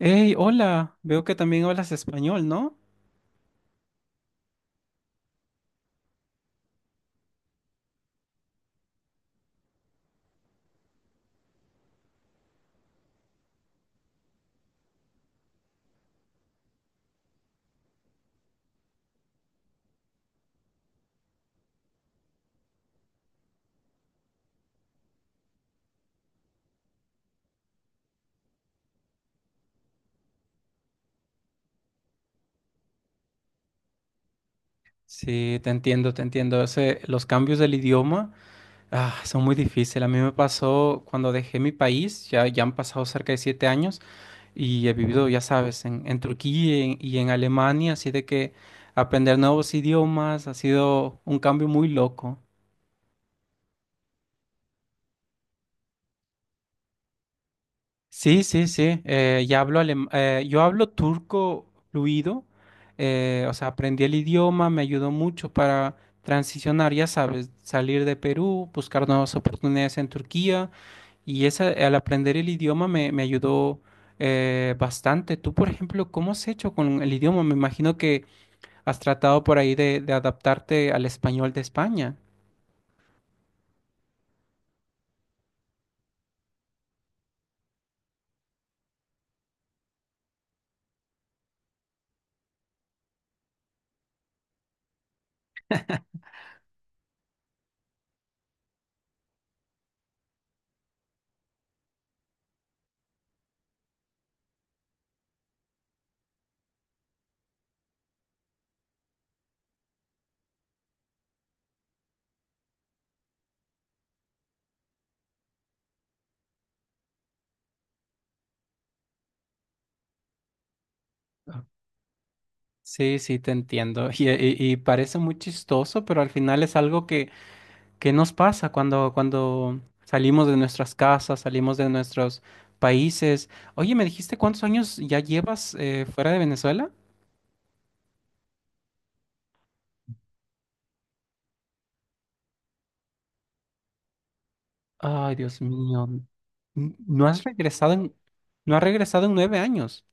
Hey, hola, veo que también hablas español, ¿no? Sí, te entiendo, te entiendo. Los cambios del idioma, son muy difíciles. A mí me pasó cuando dejé mi país, ya han pasado cerca de 7 años y he vivido, ya sabes, en Turquía y en Alemania, así de que aprender nuevos idiomas ha sido un cambio muy loco. Sí, sí, sí. Ya yo hablo turco fluido. O sea, aprendí el idioma, me ayudó mucho para transicionar, ya sabes, salir de Perú, buscar nuevas oportunidades en Turquía. Y esa, al aprender el idioma me ayudó bastante. Tú, por ejemplo, ¿cómo has hecho con el idioma? Me imagino que has tratado por ahí de adaptarte al español de España. Sí, sí, te entiendo. Y parece muy chistoso, pero al final es algo. ¿Qué nos pasa cuando salimos de nuestras casas, salimos de nuestros países? Oye, ¿me dijiste cuántos años ya llevas fuera de Venezuela? Ay, Dios mío. ¿No has regresado no has regresado en 9 años?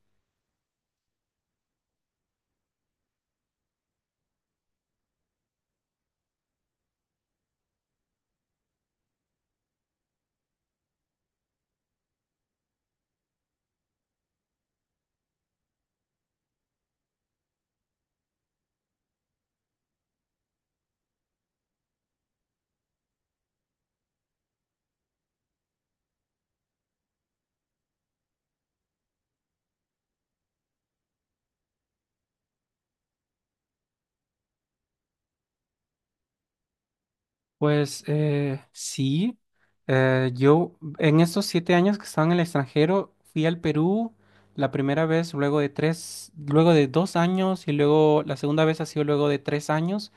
Pues sí. Yo en estos 7 años que estaba en el extranjero fui al Perú la primera vez, luego de tres, luego de 2 años y luego la segunda vez ha sido luego de 3 años.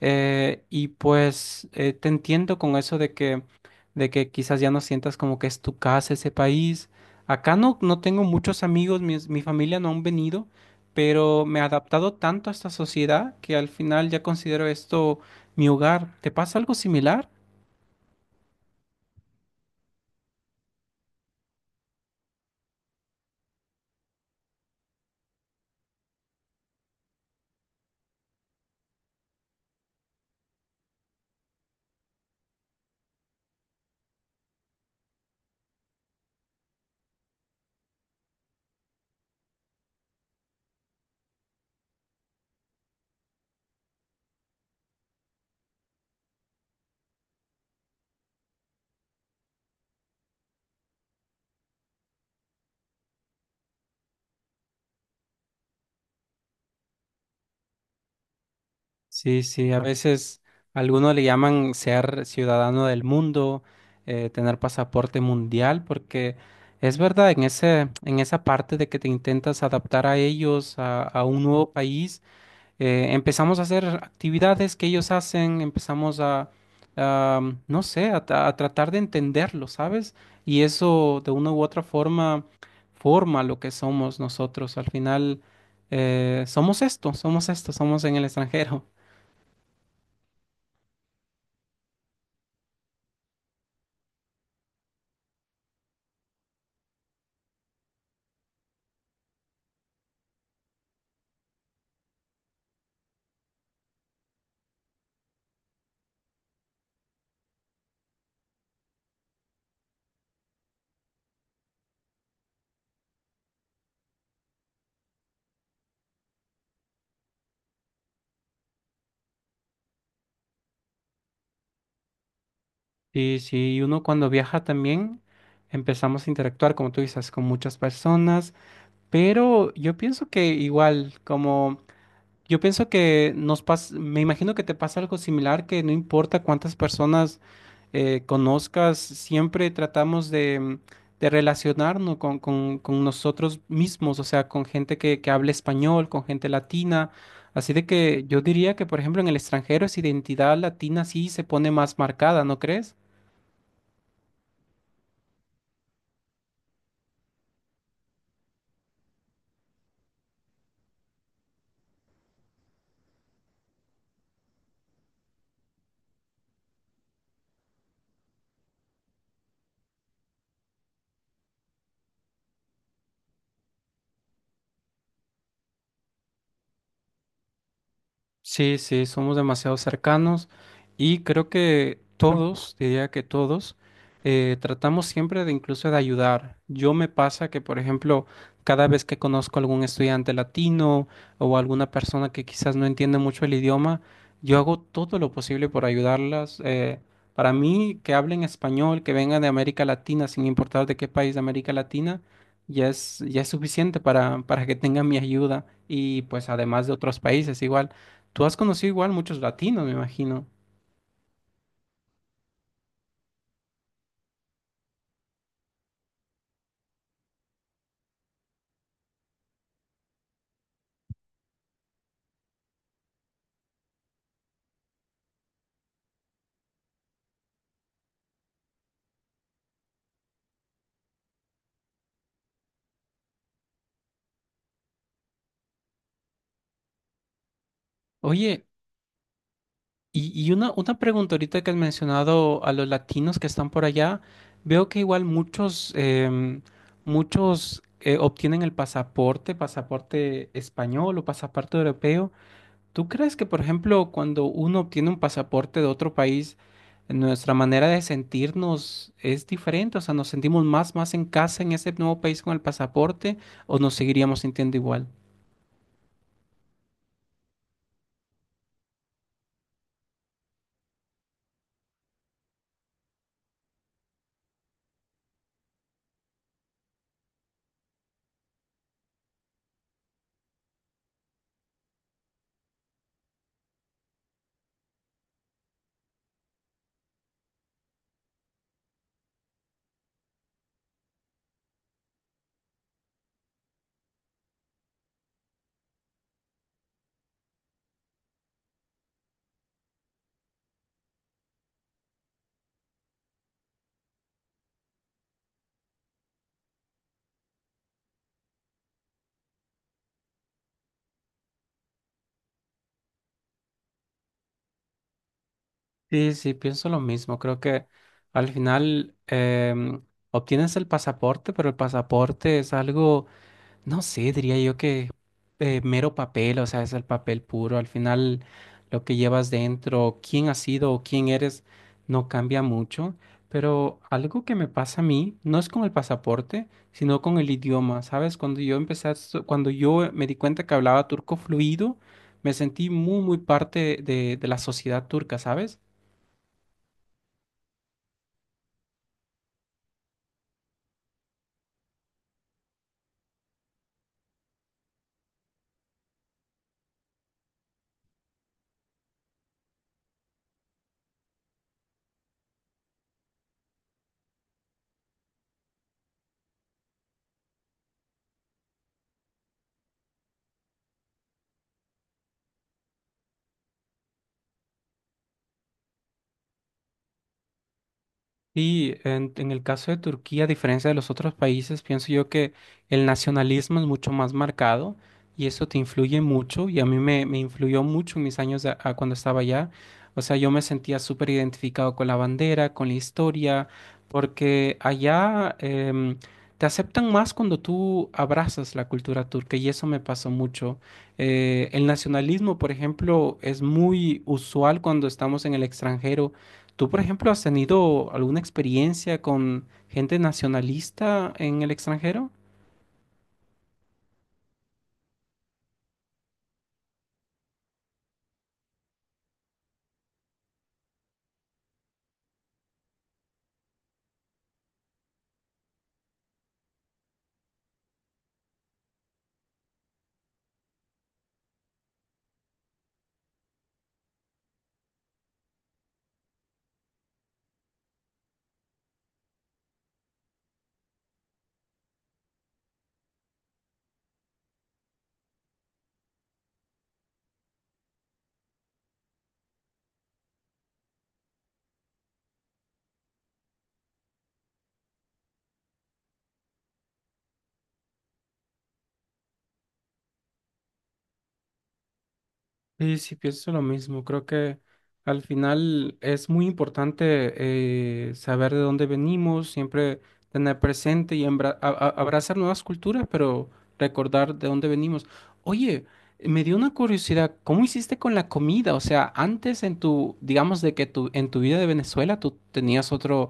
Y pues te entiendo con eso de que quizás ya no sientas como que es tu casa ese país. Acá no tengo muchos amigos, familia no han venido, pero me he adaptado tanto a esta sociedad que al final ya considero esto mi hogar. ¿Te pasa algo similar? Sí, sí, a veces algunos le llaman ser ciudadano del mundo, tener pasaporte mundial, porque es verdad, en en esa parte de que te intentas adaptar a ellos, a un nuevo país, empezamos a hacer actividades que ellos hacen, empezamos a, no sé, a tratar de entenderlo, ¿sabes? Y eso de una u otra forma forma lo que somos nosotros. Al final, somos esto, somos esto, somos en el extranjero. Sí, sí, y uno cuando viaja también empezamos a interactuar, como tú dices, con muchas personas, pero yo pienso que igual, como yo pienso que nos pasa, me imagino que te pasa algo similar, que no importa cuántas personas conozcas, siempre tratamos de relacionarnos con nosotros mismos, o sea, con gente que hable español, con gente latina. Así de que yo diría que, por ejemplo, en el extranjero esa identidad latina sí se pone más marcada, ¿no crees? Sí, sí, somos demasiado cercanos y creo que todos, diría que todos, tratamos siempre de incluso de ayudar. Yo me pasa que, por ejemplo, cada vez que conozco algún estudiante latino o alguna persona que quizás no entiende mucho el idioma, yo hago todo lo posible por ayudarlas. Para mí, que hablen español, que vengan de América Latina, sin importar de qué país de América Latina, ya es suficiente para que tengan mi ayuda y pues además de otros países igual. Tú has conocido igual muchos latinos, me imagino. Oye, y una pregunta ahorita que has mencionado a los latinos que están por allá, veo que igual muchos, muchos obtienen el pasaporte, pasaporte español o pasaporte europeo. ¿Tú crees que, por ejemplo, cuando uno obtiene un pasaporte de otro país, nuestra manera de sentirnos es diferente? O sea, ¿nos sentimos más en casa en ese nuevo país con el pasaporte o nos seguiríamos sintiendo igual? Sí, sí, pienso lo mismo. Creo que al final em, obtienes el pasaporte, pero el pasaporte es algo, no sé, diría yo que mero papel, o sea, es el papel puro. Al final lo que llevas dentro, quién has sido o quién eres, no cambia mucho. Pero algo que me pasa a mí no es con el pasaporte, sino con el idioma. ¿Sabes? Cuando yo empecé, a estu- Cuando yo me di cuenta que hablaba turco fluido, me sentí muy, muy parte de la sociedad turca, ¿sabes? Y en el caso de Turquía, a diferencia de los otros países, pienso yo que el nacionalismo es mucho más marcado y eso te influye mucho y a mí me influyó mucho en mis años de- a cuando estaba allá. O sea, yo me sentía súper identificado con la bandera, con la historia, porque allá te aceptan más cuando tú abrazas la cultura turca y eso me pasó mucho. El nacionalismo, por ejemplo, es muy usual cuando estamos en el extranjero. ¿Tú, por ejemplo, has tenido alguna experiencia con gente nacionalista en el extranjero? Sí, sí, pienso lo mismo. Creo que al final es muy importante saber de dónde venimos, siempre tener presente y abrazar nuevas culturas, pero recordar de dónde venimos. Oye, me dio una curiosidad, ¿cómo hiciste con la comida? O sea, antes en tu, digamos, en tu vida de Venezuela tú tenías otro,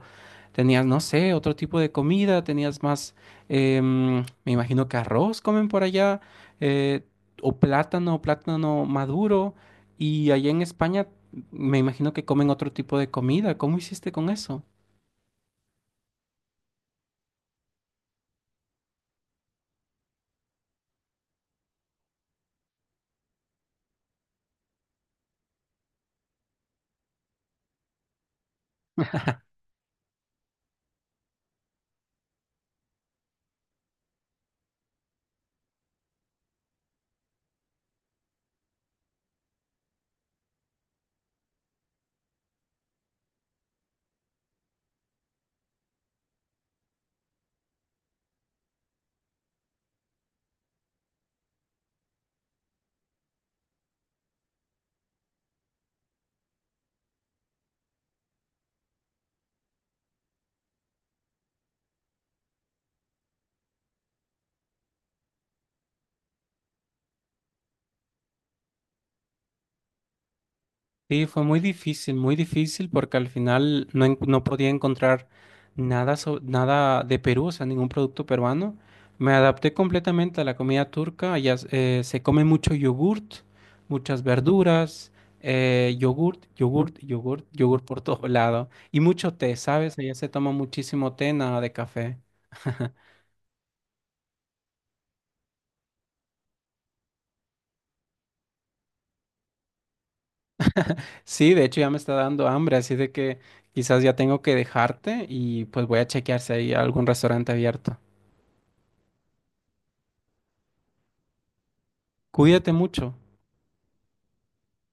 tenías, no sé, otro tipo de comida, tenías más, me imagino que arroz comen por allá. eh, o plátano, plátano maduro. Y allá en España me imagino que comen otro tipo de comida. ¿Cómo hiciste con eso? Sí, fue muy difícil porque al final no podía encontrar nada, nada de Perú, o sea, ningún producto peruano. Me adapté completamente a la comida turca. Allá se come mucho yogurt, muchas verduras, yogurt, yogurt, yogurt, yogurt por todo lado. Y mucho té, ¿sabes? Allá se toma muchísimo té, nada de café. Sí, de hecho ya me está dando hambre, así de que quizás ya tengo que dejarte y pues voy a chequear si hay algún restaurante abierto. Cuídate mucho.